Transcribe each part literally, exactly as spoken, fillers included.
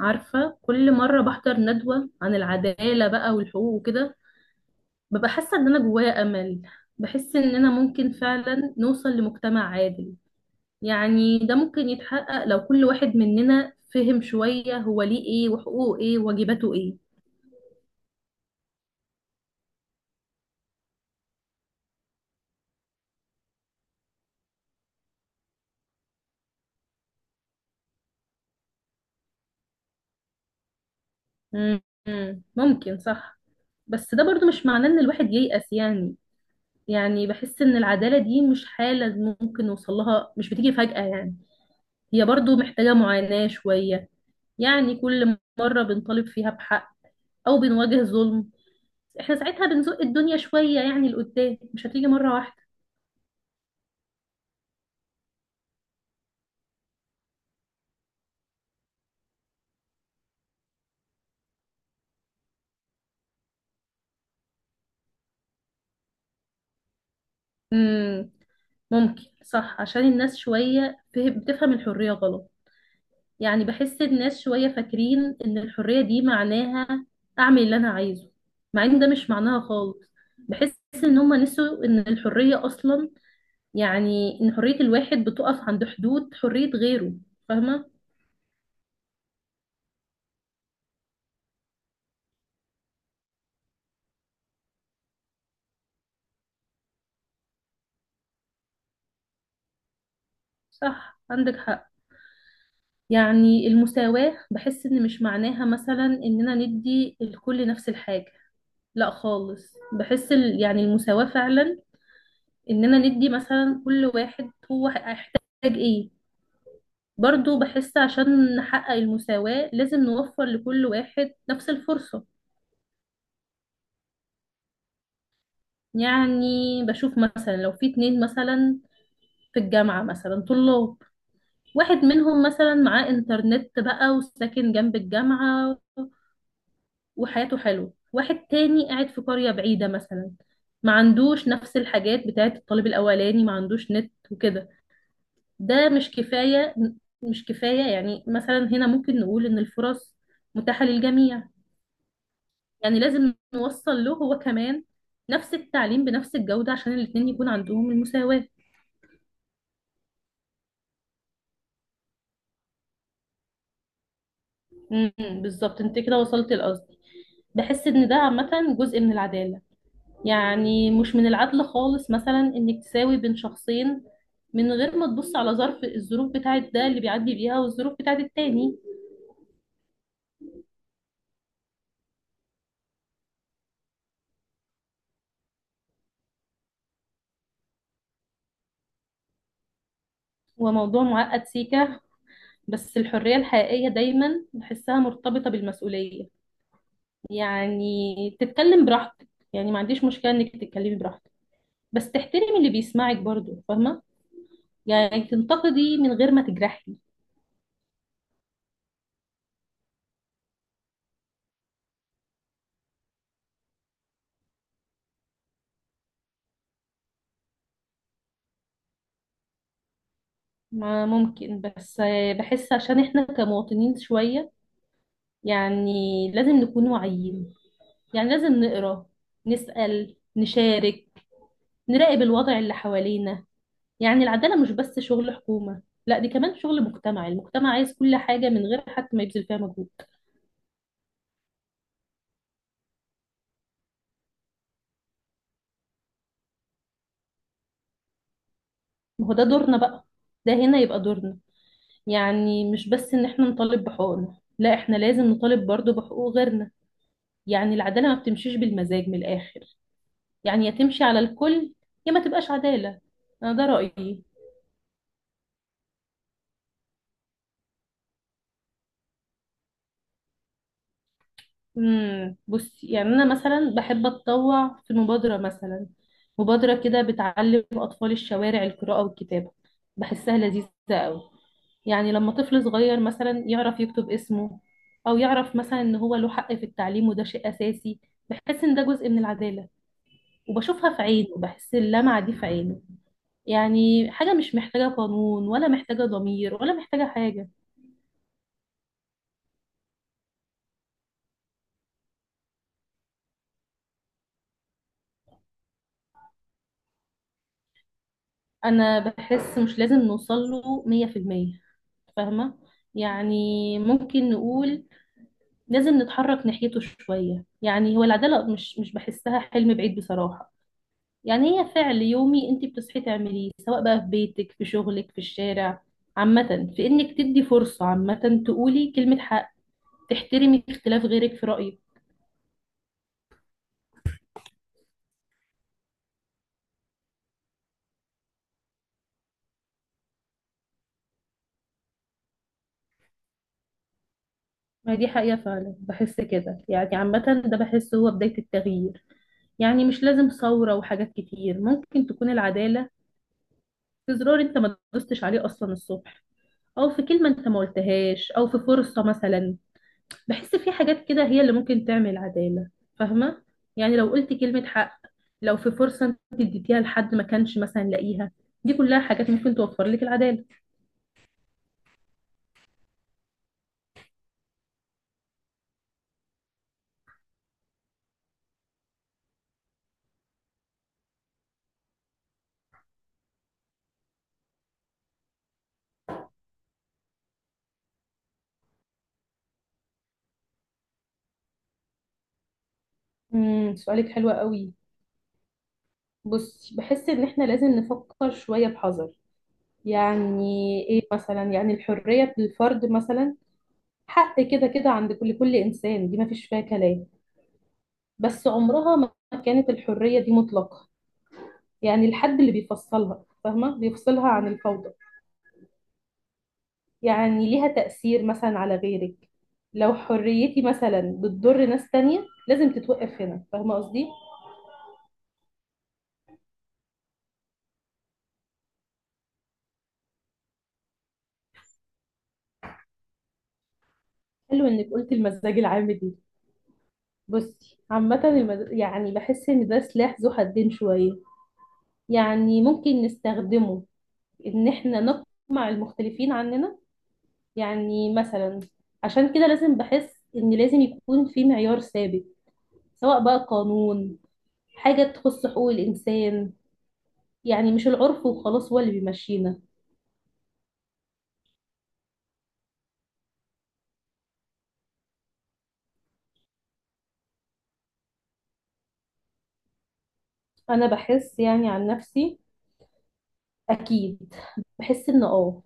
عارفة كل مرة بحضر ندوة عن العدالة بقى والحقوق وكده، ببقى حاسة ان انا جوايا امل. بحس اننا ممكن فعلا نوصل لمجتمع عادل. يعني ده ممكن يتحقق لو كل واحد مننا فهم شوية هو ليه ايه وحقوقه ايه وواجباته ايه. مم. مم، ممكن صح. بس ده برضو مش معناه ان الواحد ييأس يعني. يعني بحس ان العدالة دي مش حالة ممكن نوصل لها، مش بتيجي فجأة يعني. هي برضو محتاجة معاناة شوية. يعني كل مرة بنطالب فيها بحق أو بنواجه ظلم، احنا ساعتها بنزق الدنيا شوية يعني لقدام، مش هتيجي مرة واحدة. امم ممكن صح، عشان الناس شوية فه- بتفهم الحرية غلط. يعني بحس الناس شوية فاكرين إن الحرية دي معناها أعمل اللي أنا عايزه، مع إن ده مش معناها خالص. بحس إن هما نسوا إن الحرية أصلا، يعني إن حرية الواحد بتقف عند حدود حرية غيره. فاهمة؟ صح، عندك حق. يعني المساواة بحس إن مش معناها مثلا إننا ندي الكل نفس الحاجة. لا خالص. بحس ال- يعني المساواة فعلا إننا ندي مثلا كل واحد هو هيحتاج إيه. برضو بحس عشان نحقق المساواة لازم نوفر لكل واحد نفس الفرصة. يعني بشوف مثلا لو في اتنين مثلا في الجامعة مثلا طلاب، واحد منهم مثلا معاه إنترنت بقى وساكن جنب الجامعة وحياته حلوة، واحد تاني قاعد في قرية بعيدة مثلا، ما عندوش نفس الحاجات بتاعت الطالب الأولاني، ما عندوش نت وكده. ده مش كفاية. مش كفاية. يعني مثلا هنا ممكن نقول إن الفرص متاحة للجميع. يعني لازم نوصل له هو كمان نفس التعليم بنفس الجودة عشان الاتنين يكون عندهم المساواة. امم بالظبط، انت كده وصلت لقصدي. بحس ان ده عامة جزء من العدالة. يعني مش من العدل خالص مثلا انك تساوي بين شخصين من غير ما تبص على ظرف الظروف بتاعت ده اللي بيعدي بيها والظروف بتاعت التاني. هو موضوع معقد سيكا. بس الحرية الحقيقية دايما بحسها مرتبطة بالمسؤولية. يعني تتكلم براحتك، يعني ما عنديش مشكلة انك تتكلمي براحتك، بس تحترمي اللي بيسمعك برضو. فاهمة؟ يعني تنتقدي من غير ما تجرحي. ما ممكن، بس بحس عشان احنا كمواطنين شوية، يعني لازم نكون واعيين. يعني لازم نقرا، نسأل، نشارك، نراقب الوضع اللي حوالينا. يعني العدالة مش بس شغل حكومة. لا، دي كمان شغل مجتمعي. المجتمع عايز كل حاجة من غير حتى ما يبذل فيها مجهود. ما هو ده دورنا بقى. ده هنا يبقى دورنا. يعني مش بس ان احنا نطالب بحقوقنا، لا احنا لازم نطالب برضو بحقوق غيرنا. يعني العدالة ما بتمشيش بالمزاج، من الآخر. يعني يا تمشي على الكل، يا ما تبقاش عدالة. انا ده رأيي. امم بصي، يعني انا مثلا بحب اتطوع في مبادره مثلا، مبادره كده بتعلم اطفال الشوارع القراءه والكتابه. بحسها لذيذه قوي. يعني لما طفل صغير مثلا يعرف يكتب اسمه، او يعرف مثلا ان هو له حق في التعليم، وده شيء اساسي، بحس ان ده جزء من العداله. وبشوفها في عينه، بحس اللمعه دي في عينه. يعني حاجه مش محتاجه قانون، ولا محتاجه ضمير، ولا محتاجه حاجه. انا بحس مش لازم نوصل له مية في المية. فاهمه؟ يعني ممكن نقول لازم نتحرك ناحيته شويه. يعني هو العداله مش مش بحسها حلم بعيد بصراحه. يعني هي فعل يومي انت بتصحي تعمليه، سواء بقى في بيتك، في شغلك، في الشارع. عامه في انك تدي فرصه، عامه تقولي كلمه حق، تحترمي اختلاف غيرك في رايك. ما دي حقيقه فعلا، بحس كده. يعني عامه ده بحسه هو بدايه التغيير. يعني مش لازم ثورة وحاجات كتير، ممكن تكون العدالة في زرار انت ما دوستش عليه اصلا الصبح، او في كلمة انت ما قلتهاش، او في فرصة مثلا. بحس في حاجات كده هي اللي ممكن تعمل عدالة. فاهمة؟ يعني لو قلت كلمة حق، لو في فرصة انت اديتيها لحد ما كانش مثلا لاقيها، دي كلها حاجات ممكن توفر لك العدالة. امم سؤالك حلو قوي. بصي بحس ان احنا لازم نفكر شوية بحذر. يعني ايه مثلا، يعني الحرية للفرد مثلا حق كده كده عند كل كل انسان، دي ما فيش فيها كلام. بس عمرها ما كانت الحرية دي مطلقة. يعني الحد اللي بيفصلها، فاهمة، بيفصلها عن الفوضى. يعني ليها تأثير مثلا على غيرك. لو حريتي مثلا بتضر ناس تانية لازم تتوقف هنا. فاهمة قصدي؟ حلو انك قلت المزاج العام دي. بصي عامة المز... يعني بحس ان ده سلاح ذو حدين شوية. يعني ممكن نستخدمه ان احنا نقمع المختلفين عننا. يعني مثلا عشان كده لازم بحس ان لازم يكون في معيار ثابت، سواء بقى قانون، حاجة تخص حقوق الإنسان. يعني مش العرف وخلاص هو اللي بيمشينا. أنا بحس يعني عن نفسي أكيد. بحس إن آه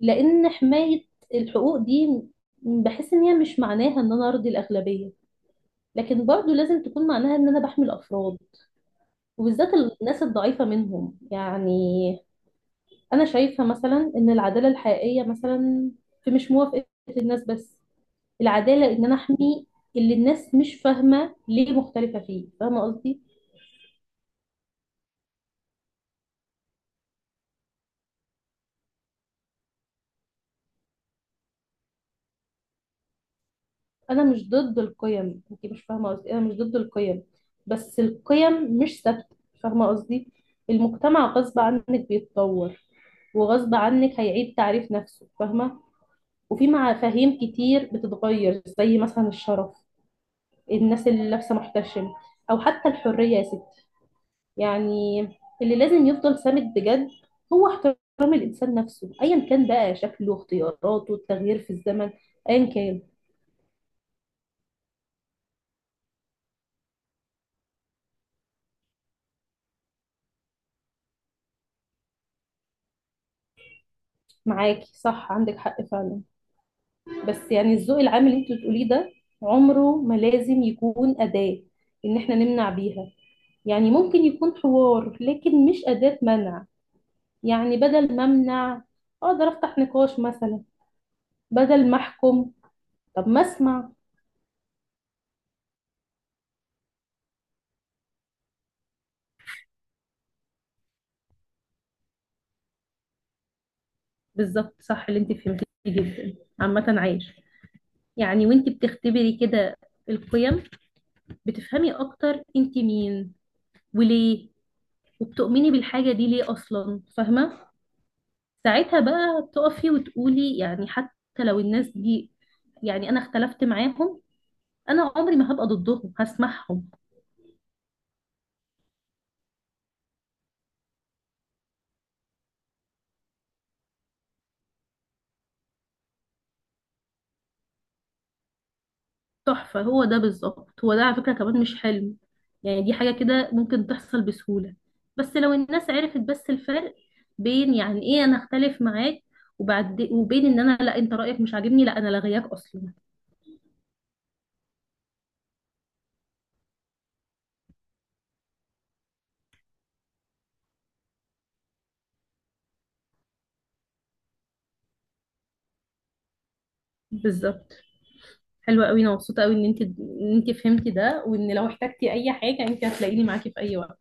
لأن حماية الحقوق دي، م- بحس إن هي مش معناها إن أنا أرضي الأغلبية، لكن برضو لازم تكون معناها إن أنا بحمي الأفراد، وبالذات الناس الضعيفة منهم. يعني أنا شايفة مثلا إن العدالة الحقيقية مثلا في مش موافقة الناس بس. العدالة إن أنا أحمي اللي الناس مش فاهمة ليه مختلفة فيه. فاهمة قصدي؟ أنا مش ضد القيم، أنت مش فاهمة قصدي، أنا مش ضد القيم. بس القيم مش ثابتة. فاهمة قصدي؟ المجتمع غصب عنك بيتطور، وغصب عنك هيعيد تعريف نفسه. فاهمة؟ وفي مفاهيم كتير بتتغير، زي مثلا الشرف، الناس اللي لابسة محتشم، أو حتى الحرية يا ستي. يعني اللي لازم يفضل سامد بجد هو احترام الإنسان نفسه، أيا كان بقى شكله، اختياراته، التغيير في الزمن، أيا كان. معاكي، صح عندك حق فعلا. بس يعني الذوق العام اللي انت بتقوليه ده عمره ما لازم يكون أداة إن احنا نمنع بيها. يعني ممكن يكون حوار، لكن مش أداة منع. يعني بدل ما أمنع، أقدر أفتح نقاش مثلا. بدل ما أحكم، طب ما أسمع. بالظبط، صح اللي انت فهمتيه جدا عامة عايش. يعني وانت بتختبري كده القيم، بتفهمي اكتر انت مين، وليه، وبتؤمني بالحاجة دي ليه اصلا. فاهمة؟ ساعتها بقى تقفي وتقولي يعني حتى لو الناس دي، يعني انا اختلفت معاهم، انا عمري ما هبقى ضدهم، هسمعهم. تحفة، هو ده بالظبط. هو ده على فكرة كمان مش حلم. يعني دي حاجة كده ممكن تحصل بسهولة، بس لو الناس عرفت بس الفرق بين يعني ايه انا اختلف معاك، وبعد وبين ان انا، لا انت رايك مش عاجبني، لا انا لغياك اصلا. بالظبط. حلوة قوي، انا مبسوطة قوي ان انت ان انت فهمتي ده، وان لو احتجتي اي حاجة انت هتلاقيني معاكي في اي وقت.